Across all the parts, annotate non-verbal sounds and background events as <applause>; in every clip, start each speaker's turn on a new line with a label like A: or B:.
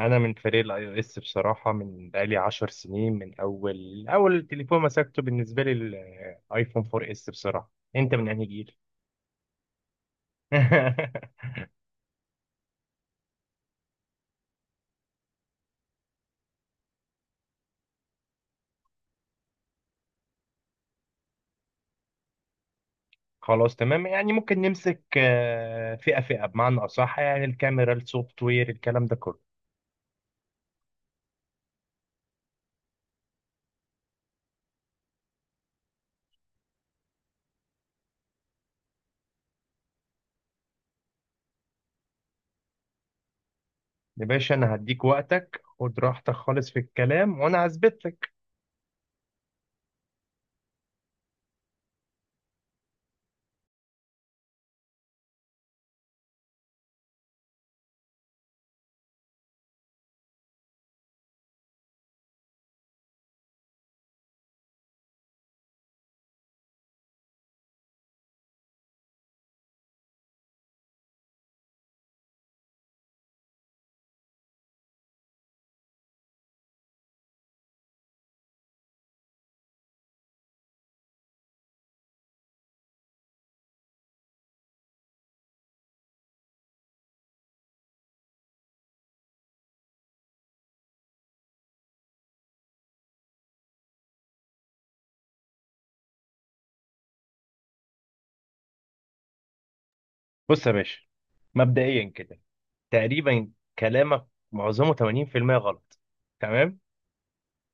A: انا من فريق الاي او اس بصراحه، من بقالي 10 سنين. من اول تليفون مسكته بالنسبه لي الايفون 4 اس، بصراحه. انت من انهي جيل؟ <laughs> خلاص تمام. يعني ممكن نمسك فئه فئه بمعنى اصح، يعني الكاميرا، السوفت وير، الكلام ده كله. يا باشا، انا هديك وقتك، خد راحتك خالص في الكلام وانا هثبت لك. بص يا باشا، مبدئيا كده تقريبا كلامك معظمه 80% غلط.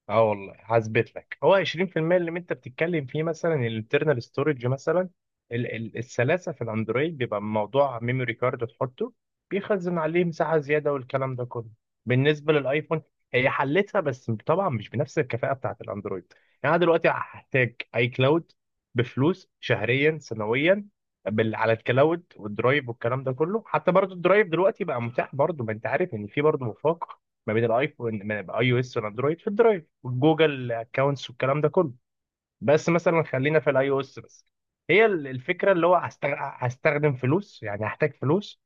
A: اه والله هثبت لك. هو 20% اللي انت بتتكلم فيه، مثلا الانترنال ستورج مثلا. السلاسه في الاندرويد بيبقى موضوع ميموري كارد، تحطه بيخزن عليه مساحه زياده والكلام ده كله. بالنسبه للايفون، هي حلتها بس طبعا مش بنفس الكفاءه بتاعت الاندرويد. يعني انا دلوقتي هحتاج اي كلاود بفلوس شهريا سنويا، على الكلاود والدرايف والكلام ده كله. حتى برضو الدرايف دلوقتي بقى متاح برضو، ما انت عارف ان في برضو مفاق ما بين الايفون من اي او اس والاندرويد في الدرايف والجوجل اكونتس والكلام ده كله. بس مثلا خلينا في الاي او اس بس. هي الفكره اللي هو هستخدم فلوس، يعني هحتاج فلوس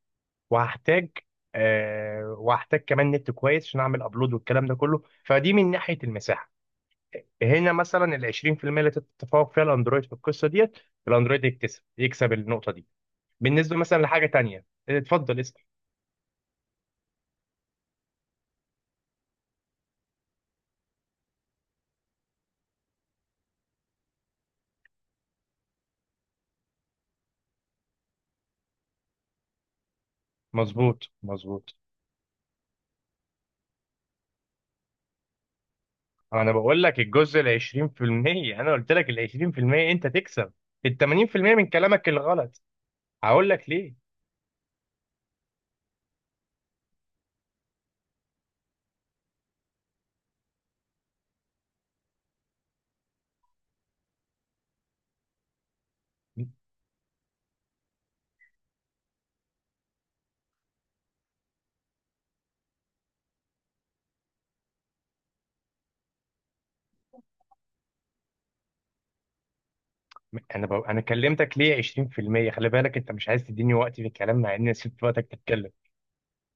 A: وهحتاج، وهحتاج كمان نت كويس عشان اعمل ابلود والكلام ده كله. فدي من ناحيه المساحه. هنا مثلا ال 20% اللي تتفوق فيها الاندرويد في القصه ديت. الاندرويد يكسب النقطه دي. بالنسبه مثلا لحاجه تانيه، اتفضل اسال. مظبوط مظبوط. انا بقول لك الجزء ال 20%، انا قلت لك ال 20% انت تكسب، ال 80% من كلامك الغلط. هقول لك ليه. انا كلمتك ليه 20%. خلي بالك انت مش عايز تديني وقت في الكلام، مع اني سبت وقتك تتكلم.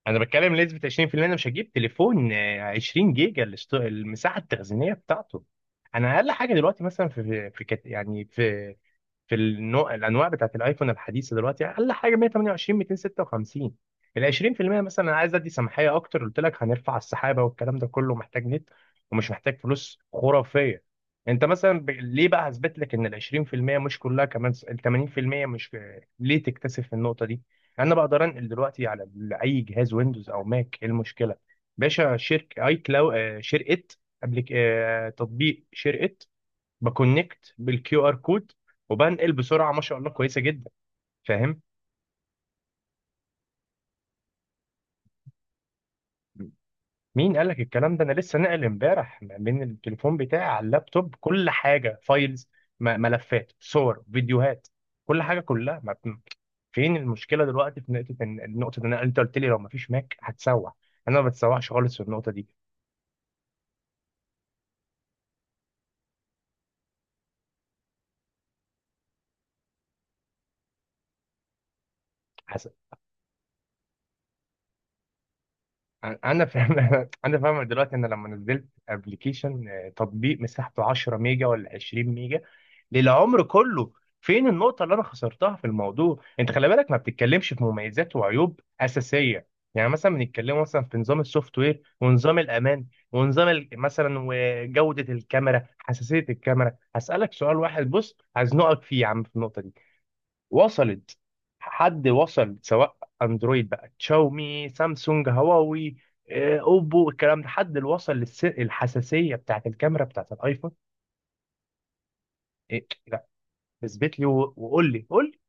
A: انا بتكلم نسبة 20%. انا مش هجيب تليفون 20 جيجا المساحة التخزينية بتاعته. انا اقل حاجة دلوقتي مثلا يعني في الانواع بتاعت الايفون الحديثه دلوقتي اقل حاجه 128، 256. ال 20% مثلا، انا عايز ادي سماحيه اكتر قلت لك هنرفع السحابه والكلام ده كله، محتاج نت ومش محتاج فلوس خرافيه. انت مثلا ليه بقى هثبت لك ان ال 20% مش كلها كمان، ال 80% مش ليه تكتسب في النقطه دي. انا بقدر انقل دلوقتي على اي جهاز ويندوز او ماك، ايه المشكله؟ باشا، شركه، قبل ك- آه، تطبيق شركه، بكونكت بالكيو ار كود وبنقل بسرعه، ما شاء الله كويسه جدا. فاهم؟ مين قال لك الكلام ده؟ انا لسه ناقل امبارح من التليفون بتاعي على اللابتوب كل حاجه، فايلز، ملفات، صور، فيديوهات، كل حاجه كلها ما بت- فين المشكله دلوقتي في نقطه النقطه دي؟ انت قلت لي لو ما فيش ماك هتسوح. انا ما بتسوحش خالص في النقطه دي. انا فاهم. <laughs> انا فاهم دلوقتي ان لما نزلت ابلكيشن، تطبيق مساحته 10 ميجا ولا 20 ميجا للعمر كله. فين النقطة اللي انا خسرتها في الموضوع؟ انت خلي بالك ما بتتكلمش في مميزات وعيوب أساسية. يعني مثلا بنتكلم مثلا في نظام السوفت وير ونظام الامان ونظام مثلا وجودة الكاميرا، حساسية الكاميرا. هسألك سؤال واحد بص، هزنقك فيه يا عم في النقطة دي. وصلت؟ حد وصل، سواء اندرويد بقى، تشاومي، سامسونج، هواوي، اوبو، الكلام ده، حد اللي وصل الحساسيه بتاعت الكاميرا بتاعت الايفون؟ إيه؟ لا. اثبت لي وقول لي، قول.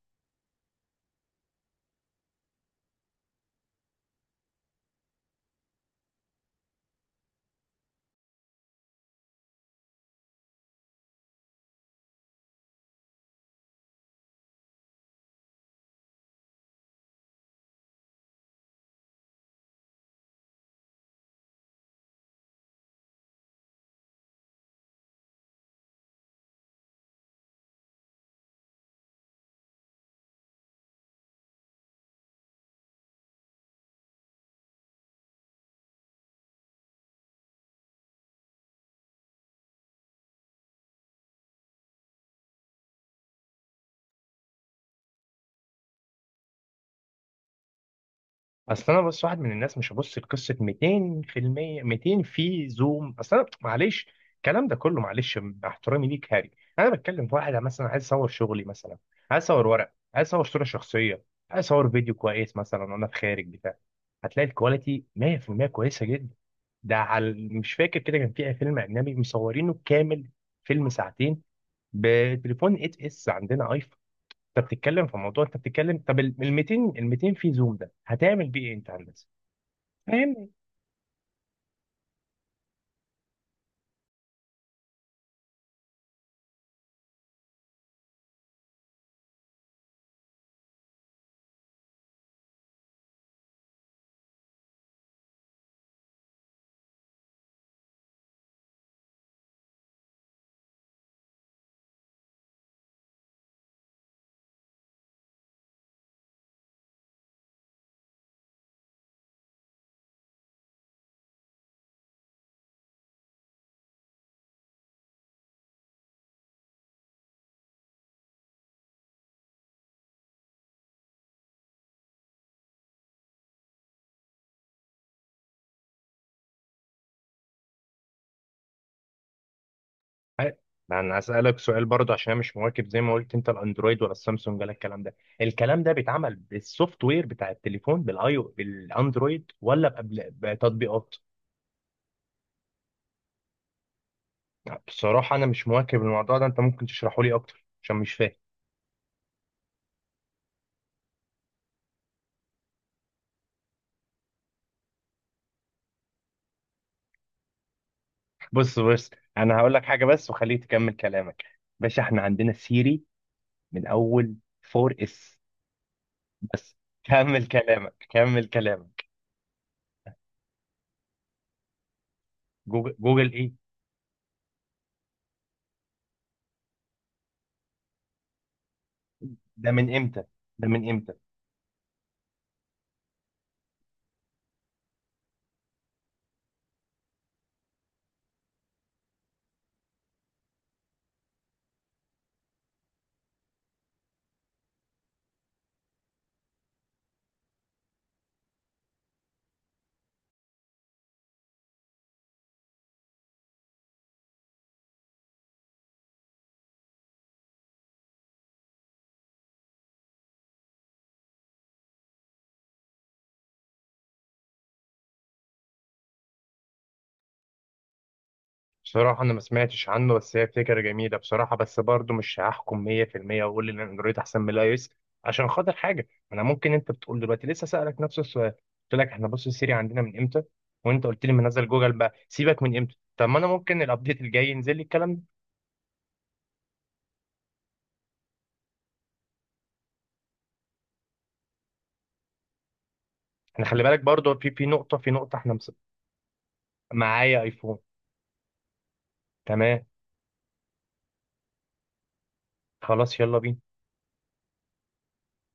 A: اصل انا، بص، واحد من الناس مش هبص لقصه 200%، 200 في زوم. اصل انا معلش، الكلام ده كله معلش، مع احترامي ليك هاري. انا بتكلم في واحد مثلا عايز اصور شغلي مثلا، عايز اصور ورق، عايز اصور صوره شخصيه، عايز اصور فيديو كويس مثلا وانا في خارج بتاع. هتلاقي الكواليتي 100% كويسه جدا. ده على، مش فاكر كده، كان في فيلم اجنبي مصورينه كامل، فيلم ساعتين، بتليفون 8 اس عندنا ايفون. انت بتتكلم في موضوع، انت بتتكلم طب ال 200، ال 200 في زوم ده هتعمل بيه ايه انت يا هندسه؟ فاهم؟ ه- انا هسألك سؤال برضه، عشان انا مش مواكب زي ما قلت انت الاندرويد ولا السامسونج ولا الكلام ده. الكلام ده بيتعمل بالسوفت وير بتاع التليفون بالاي بالاندرويد ولا بتطبيقات؟ بصراحة انا مش مواكب الموضوع ده، انت ممكن تشرحه لي اكتر عشان مش فاهم. <laughs> بص بص، انا هقول لك حاجة بس وخليك تكمل كلامك. باشا، احنا عندنا سيري من اول 4 اس. بس كمل كلامك كمل كلامك. جوجل، جوجل ايه؟ ده من امتى؟ ده من امتى؟ بصراحة أنا ما سمعتش عنه، بس هي فكرة جميلة بصراحة. بس برضه مش هحكم 100% وأقول إن أندرويد أحسن من الأي إس. عشان خاطر حاجة، أنا ممكن، أنت بتقول دلوقتي لسه، سألك نفس السؤال، قلت لك إحنا بص السيري عندنا من إمتى، وأنت قلت لي منزل جوجل بقى، سيبك من إمتى، طب ما أنا ممكن الأبديت الجاي ينزل لي الكلام ده. إحنا خلي بالك برضه في نقطة إحنا معايا أيفون. تمام. خلاص يلا بينا.